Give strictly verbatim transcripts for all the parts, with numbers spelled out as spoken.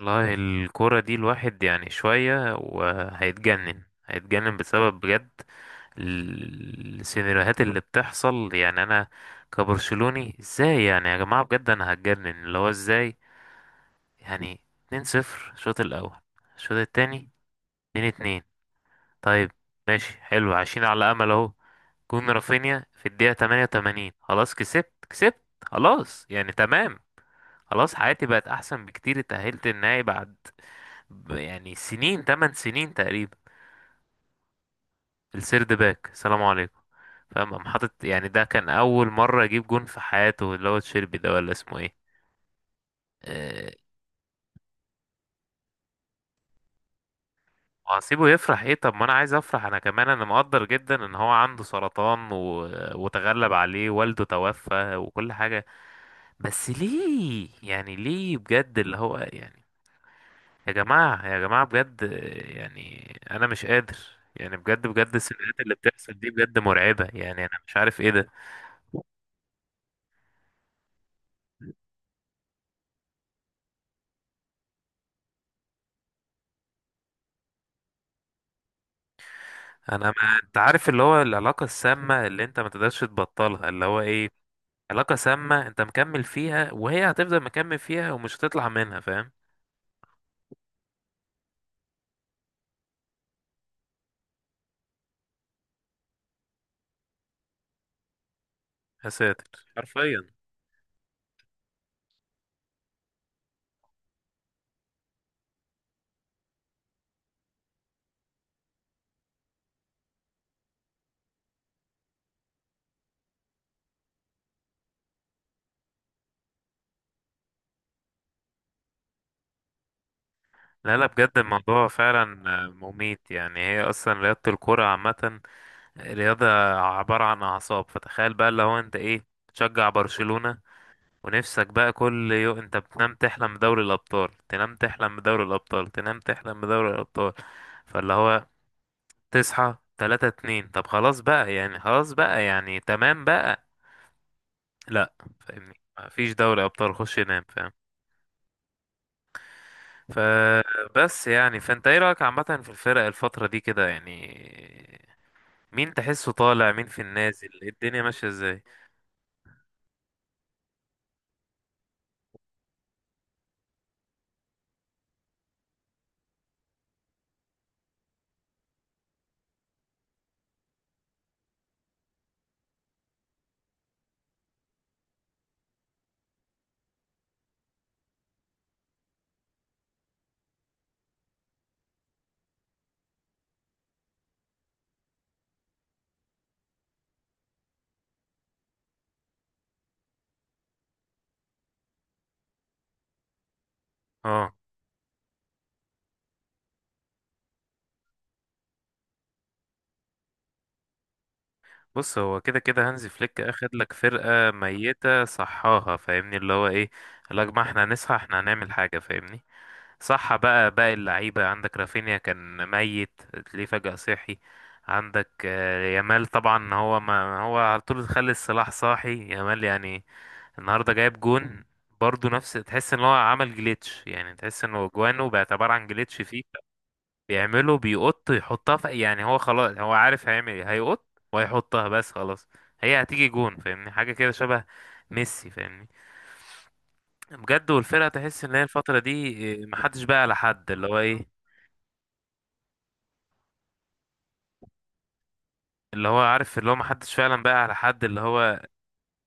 والله الكورة دي الواحد يعني شوية وهيتجنن هيتجنن بسبب بجد، ال- السيناريوهات اللي بتحصل، يعني أنا كبرشلوني ازاي؟ يعني يا جماعة بجد أنا هتجنن، اللي هو ازاي يعني؟ اتنين صفر الشوط الأول، الشوط التاني اتنين اتنين. طيب، ماشي حلو، عايشين على أمل أهو. جون رافينيا في الدقيقة تمانية وتمانين، خلاص كسبت كسبت خلاص، يعني تمام، خلاص، حياتي بقت أحسن بكتير، اتأهلت النهائي بعد ب- يعني سنين، تمن سنين تقريبا. السيرد باك، سلام عليكم. فاهم؟ قام حاطط، يعني ده كان اول مره يجيب جون في حياته، اللي هو تشيربي ده ولا اسمه ايه؟ أه. وهسيبه يفرح ايه؟ طب ما انا عايز افرح انا كمان، انا مقدر جدا ان هو عنده سرطان و... وتغلب عليه، والده توفى وكل حاجه، بس ليه يعني؟ ليه بجد اللي هو يعني، يا جماعه يا جماعه بجد، آه، يعني انا مش قادر، يعني بجد بجد السيناريوهات اللي بتحصل دي بجد مرعبه، يعني انا مش عارف ايه ده. انا، ما انت عارف اللي هو العلاقه السامه اللي انت ما تقدرش تبطلها، اللي هو ايه؟ علاقه سامه انت مكمل فيها وهي هتفضل مكمل فيها ومش هتطلع منها، فاهم؟ يا ساتر، حرفيا. لا لا بجد، الموضوع فعلا آه، مميت، يعني هي اصلا رياضه، الكره عامه رياضه، عباره عن اعصاب. فتخيل بقى اللي هو انت ايه؟ تشجع برشلونه ونفسك بقى كل يوم، انت بتنام تحلم بدوري الابطال، تنام تحلم بدوري الابطال، تنام تحلم بدوري الابطال، فاللي هو تصحى تلاتة اتنين، طب خلاص بقى يعني، خلاص بقى يعني تمام بقى. لا. فاهمني؟ مفيش دوري ابطال، خش نام، فاهم؟ فبس يعني، فانت ايه رايك عامه في الفرق الفتره دي كده يعني؟ مين تحسه طالع، مين في النازل، إيه الدنيا ماشيه ازاي؟ اه. بص، هو كده كده هانزي فليك اخد لك فرقه ميته صحاها، فاهمني اللي هو ايه؟ قال لك ما احنا هنصحى، احنا هنعمل حاجه، فاهمني. صح. بقى باقي اللعيبة، عندك رافينيا كان ميت، ليه فجأة صحي؟ عندك آه، يامال، طبعا هو، ما هو على طول خلي السلاح صاحي يامال، يعني النهارده جايب جون برضه، نفس، تحس ان هو عمل جليتش، يعني تحس انه جوانه بقت عبارة عن جليتش فيفا بيعمله، بيقط يحطها في، يعني هو خلاص، هو عارف هيعمل ايه، هيقط وهيحطها، بس خلاص، هي هتيجي جون. فاهمني؟ حاجة كده شبه ميسي، فاهمني؟ بجد، والفرقة تحس ان هي الفترة دي آه، محدش بقى على حد، اللي هو ايه، اللي هو عارف، اللي هو ما حدش فعلا بقى على حد، اللي هو،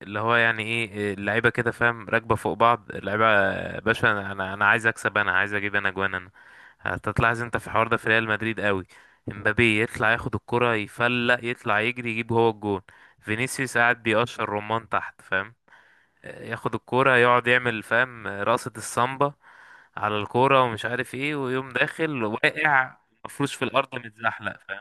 اللي هو يعني ايه اللعيبه كده، فاهم؟ راكبه فوق بعض اللعيبه، آه، باشا، انا انا أنا عايز اكسب، انا عايز اجيب، انا جوان انا. هتطلع انت في الحوار ده في ريال مدريد قوي، امبابي يطلع ياخد الكره يفلق، يطلع يجري يجيب هو الجون، فينيسيوس قاعد بيقشر رمان تحت، فاهم؟ ياخد الكرة يقعد يعمل فاهم رقصة السامبا على الكرة ومش عارف ايه، ويقوم داخل واقع مفروش في الأرض متزحلق، فاهم؟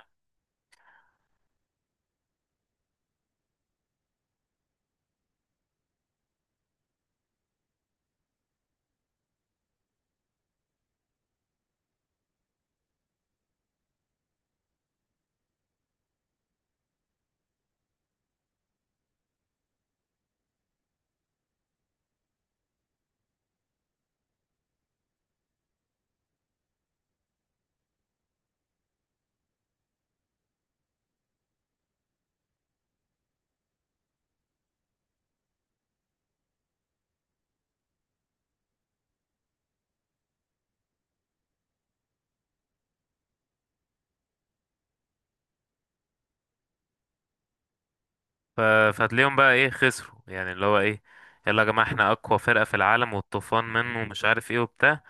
ف- فهتلاقيهم بقى ايه خسروا، يعني اللي هو ايه؟ يلا يا جماعة احنا اقوى فرقة في العالم، والطوفان منه ومش عارف ايه وبتاع،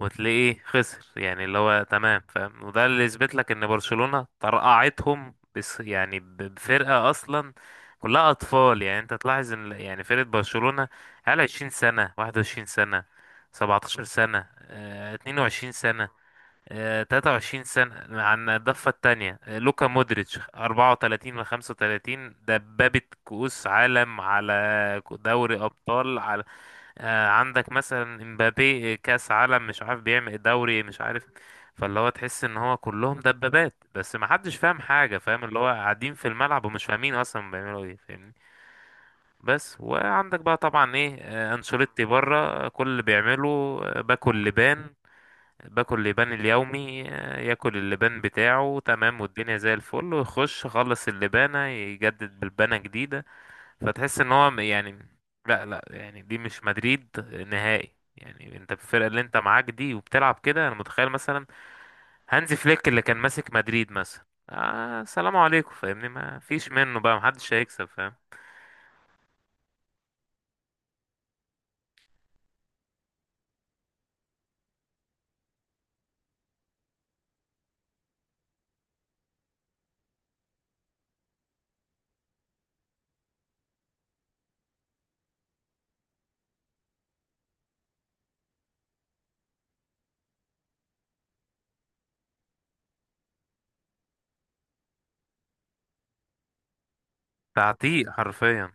وتلاقيه إيه، خسر، يعني اللي هو تمام، فاهم؟ وده اللي يثبت لك ان برشلونة طرقعتهم، بس يعني ب- بفرقة اصلا كلها اطفال. يعني انت تلاحظ ان يعني فرقة برشلونة على عشرين سنة، واحد وعشرين سنة، سبعة عشر سنة، آه، اتنين وعشرين سنة، آه، تلاتة وعشرين سنة، عن الضفة التانية، آه، لوكا مودريتش اربعة وتلاتين من خمسة وتلاتين، دبابة كؤوس عالم، على دوري أبطال، على آه، عندك مثلا امبابي، آه، كأس عالم، مش عارف بيعمل دوري، مش عارف. فاللي هو تحس ان هو كلهم دبابات بس ما حدش فاهم حاجة، فاهم؟ اللي هو قاعدين في الملعب ومش فاهمين اصلا بيعملوا ايه، فاهمني؟ بس. وعندك بقى طبعا ايه، آه، انشيلوتي بره، آه، كل اللي بيعمله آه، باكل لبان، باكل لبان اليومي، آه، ياكل اللبان بتاعه، تمام، والدنيا زي الفل، ويخش يخلص اللبانة يجدد بلبانة جديدة، فتحس ان هو م- يعني، لا لا يعني دي مش مدريد نهائي، يعني انت الفرقة اللي انت معاك دي وبتلعب كده، انا متخيل مثلا هانزي فليك اللي كان ماسك مدريد مثلا، آه سلام عليكم، فاهمني؟ ما فيش منه بقى، محدش هيكسب، فاهم؟ تعتيق حرفيا.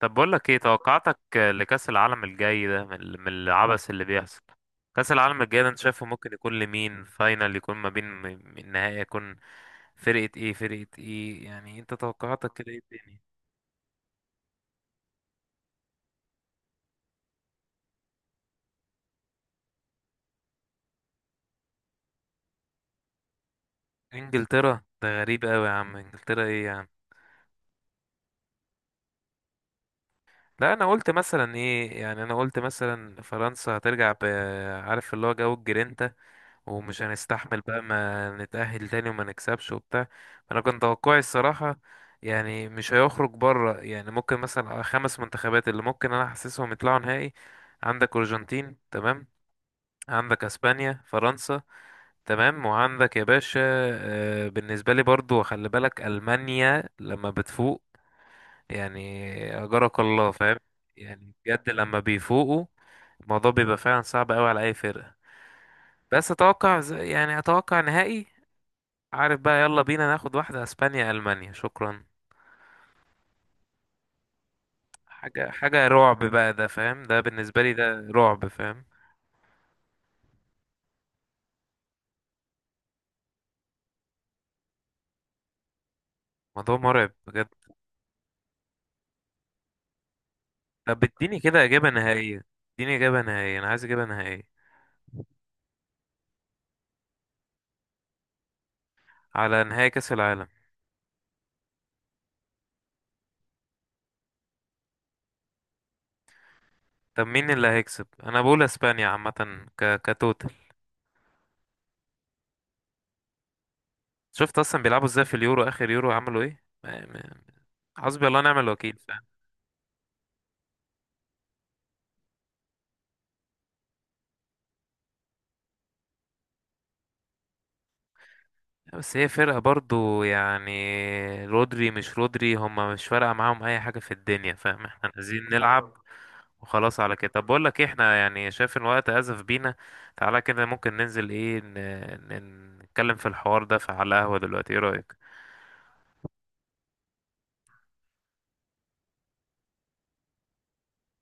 طب، بقول لك ايه توقعاتك لكأس العالم الجاي ده من ال- من العبث اللي بيحصل؟ كأس العالم الجاي ده انت شايفه ممكن يكون لمين؟ فاينل يكون ما بين م- النهائي يكون فرقة ايه فرقة ايه، يعني انت توقعاتك كده ايه تاني؟ انجلترا ده غريب قوي يا عم، انجلترا ايه يا عم؟ لا انا قلت مثلا ايه، يعني انا قلت مثلا فرنسا هترجع ب عارف، اللي هو جو الجرينتا، ومش هنستحمل بقى، ما نتأهل تاني وما نكسبش وبتاع. انا كان توقعي الصراحة، يعني مش هيخرج بره، يعني ممكن مثلا آه، خمس منتخبات اللي ممكن انا احسسهم يطلعوا نهائي. عندك ارجنتين تمام، عندك اسبانيا، فرنسا، تمام، وعندك يا باشا آه، بالنسبة لي برضو، خلي بالك ألمانيا لما بتفوق يعني، أجرك الله، فاهم؟ يعني بجد لما بيفوقوا الموضوع بيبقى فعلا صعب قوي على أي فرقة. بس أتوقع ز- يعني أتوقع نهائي. عارف بقى؟ يلا بينا ناخد واحدة، اسبانيا المانيا، شكرا. حاجة حاجة رعب بقى ده، فاهم؟ ده بالنسبة لي ده رعب، فاهم؟ موضوع مرعب بجد. طب اديني كده اجابة نهائية، اديني اجابة نهائية، انا عايز اجابة نهائية. على نهائي كأس العالم. طب مين اللي هيكسب؟ انا بقول اسبانيا عامة، ك... كتوتال. شفت اصلا بيلعبوا ازاي في اليورو، اخر يورو عملوا ايه، ما- ما- حسبي الله ونعم الوكيل، فاهم؟ بس هي فرقة برضو يعني، رودري مش رودري، هما مش فارقة معاهم اي حاجة في الدنيا، فاهم؟ احنا عايزين نلعب وخلاص على كده. طب بقول لك ايه، احنا يعني شايف ان الوقت ازف بينا، تعالى كده ممكن ننزل ايه ن- ن- نتكلم في الحوار ده، في على قهوة دلوقتي، ايه رأيك؟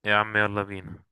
يا عم، يلا بينا.